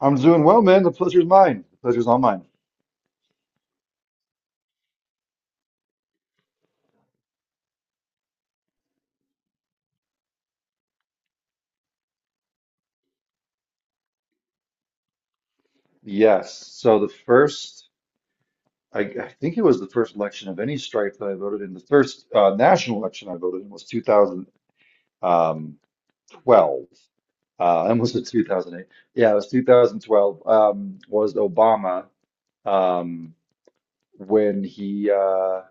I'm doing well, man. The pleasure's mine. The pleasure's all mine. Yes. So the first, I think it was the first election of any stripe that I voted in. The first national election I voted in was 2012. I almost said 2008. Yeah, it was 2012. Was Obama. Um, when he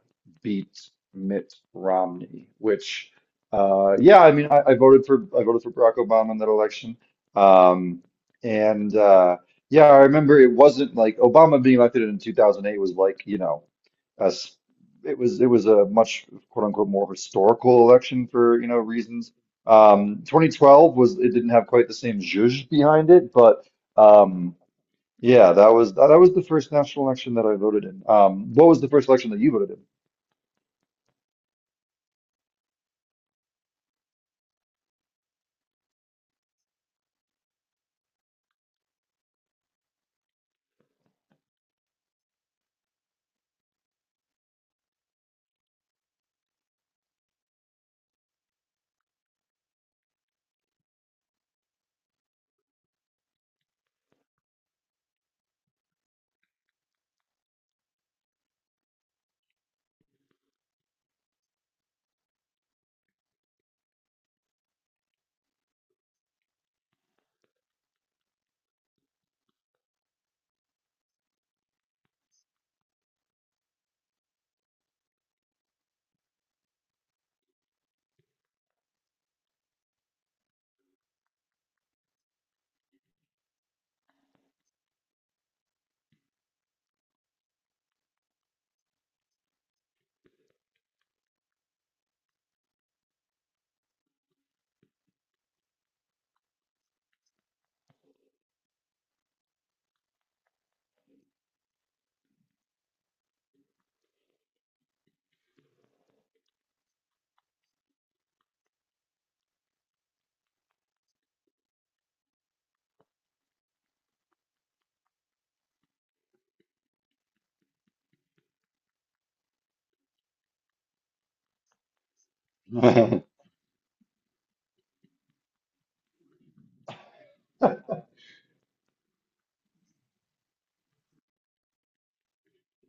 beat Mitt Romney, which, yeah, I mean, I voted for Barack Obama in that election, um, and yeah, I remember it wasn't like Obama being elected in 2008 was, like, you know, as it was a much quote unquote more historical election for you know reasons. 2012, was it didn't have quite the same zhuzh behind it, but. Um, yeah, that was the first national election that I voted in. What was the first election that you voted in?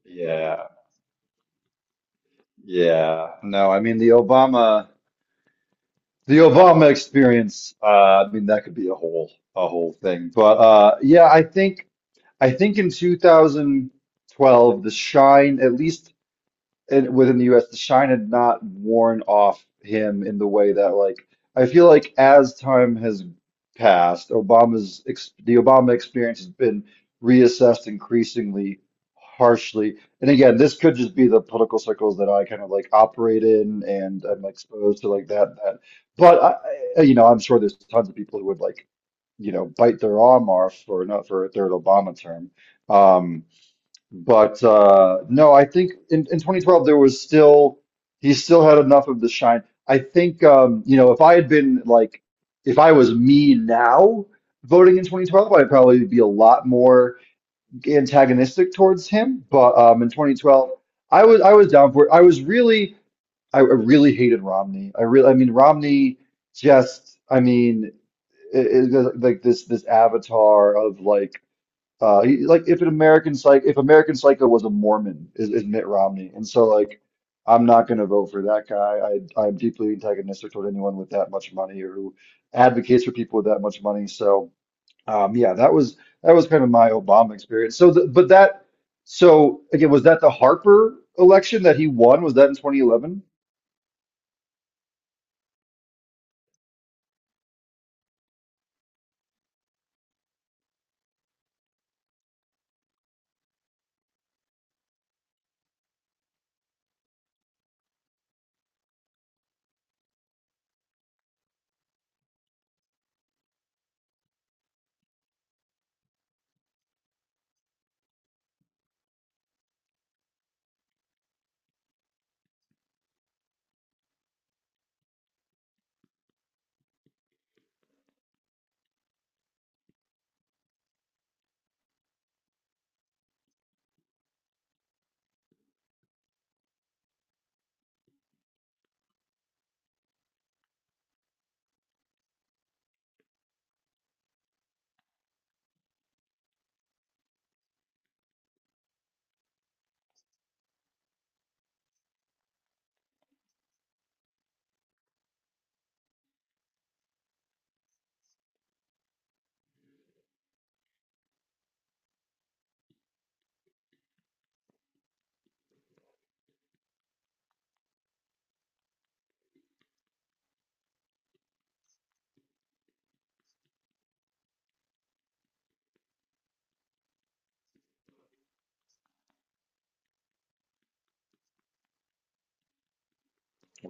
Yeah, yeah. No, I mean the Obama experience, I mean that could be a whole thing. But yeah, I think in 2012 the shine, at least and within the US, the shine had not worn off him in the way that, like, I feel like as time has passed, Obama's ex the Obama experience has been reassessed increasingly harshly. And again, this could just be the political circles that I kind of like operate in and I'm exposed to, like that that. But you know, I'm sure there's tons of people who would like, you know, bite their arm off for not for a third Obama term. Um, but no, I think in 2012 there was still, he still had enough of the shine. I think, you know, if I had been like, if I was me now voting in 2012, I'd probably be a lot more antagonistic towards him. But in 2012, I was down for it. I really hated Romney. I mean Romney just I mean is like this avatar of, like, if an if American Psycho was a Mormon, is Mitt Romney, and so like, I'm not going to vote for that guy. I'm deeply antagonistic toward anyone with that much money or who advocates for people with that much money. So yeah, that was kind of my Obama experience. So again, was that the Harper election that he won? Was that in 2011?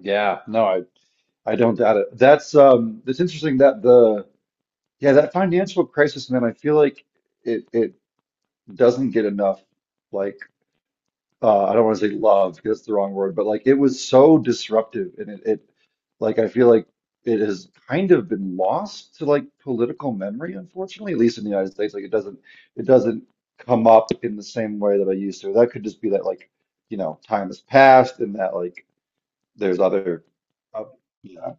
Yeah, no, I don't doubt it. That's, it's interesting that the, yeah, that financial crisis, man. I feel like it doesn't get enough like, I don't want to say love because that's the wrong word, but like it was so disruptive, and it like, I feel like it has kind of been lost to like political memory, unfortunately, at least in the United States. Like it doesn't, it doesn't come up in the same way that I used to. That could just be that like, you know, time has passed and that like there's other, uh, yeah.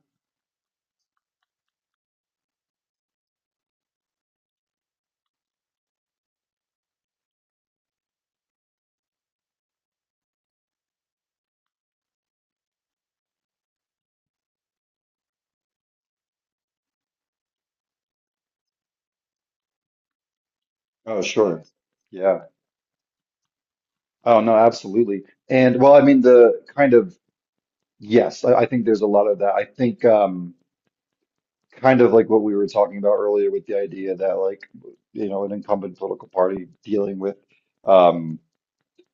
Oh, sure. Yeah. Oh no, absolutely. And well, I mean the kind of, yes, I think there's a lot of that. I think kind of like what we were talking about earlier, with the idea that like, you know, an incumbent political party dealing with um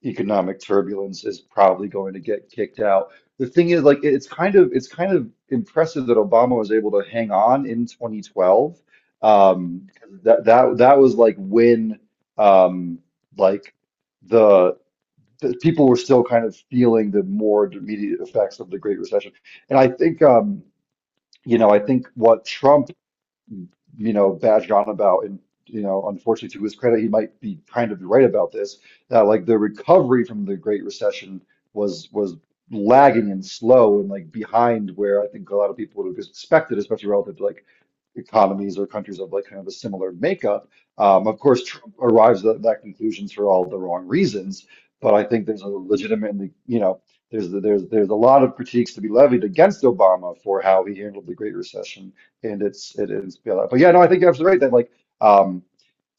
economic turbulence is probably going to get kicked out. The thing is, like, it's kind of impressive that Obama was able to hang on in 2012. Um that was like when, um like the, the people were still kind of feeling the more immediate effects of the Great Recession. And I think, you know, I think what Trump, you know, badged on about, and you know, unfortunately, to his credit, he might be kind of right about this, that like the recovery from the Great Recession was lagging and slow, and like behind where I think a lot of people would have expected, especially relative to like economies or countries of like kind of a similar makeup. Of course, Trump arrives at that conclusions for all the wrong reasons, but I think there's a legitimately, you know, there's a lot of critiques to be levied against Obama for how he handled the Great Recession and its it is bailout. But yeah, no, I think you're absolutely right that like, um,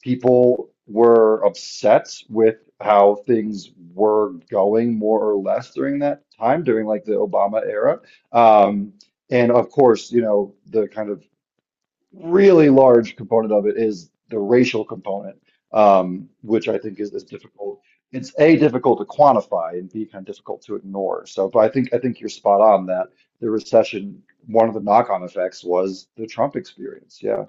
people were upset with how things were going, more or less, during that time, during like the Obama era. Um, and of course, you know, the kind of really large component of it is the racial component, which I think is difficult. It's A, difficult to quantify and B, kind of difficult to ignore. So, but I think you're spot on that the recession, one of the knock-on effects was the Trump experience. Yeah.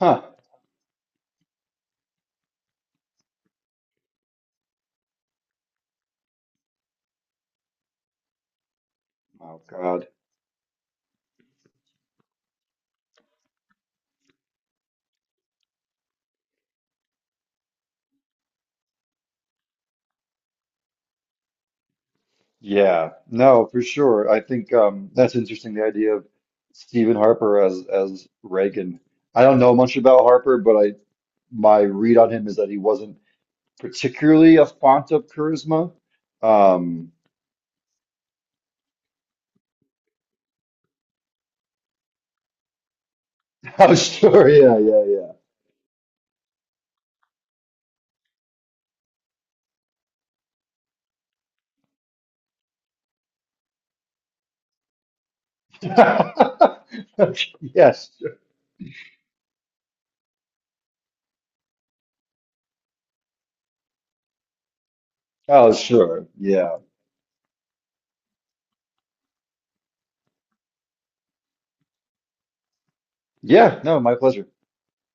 Huh. Oh God. Yeah. No, for sure. I think, that's interesting, the idea of Stephen Harper as Reagan. I don't know much about Harper, but I, my read on him is that he wasn't particularly a font of charisma. Um, oh, sure, yeah, yeah, yeah. Yes. Oh, sure, yeah, yeah. No, my pleasure.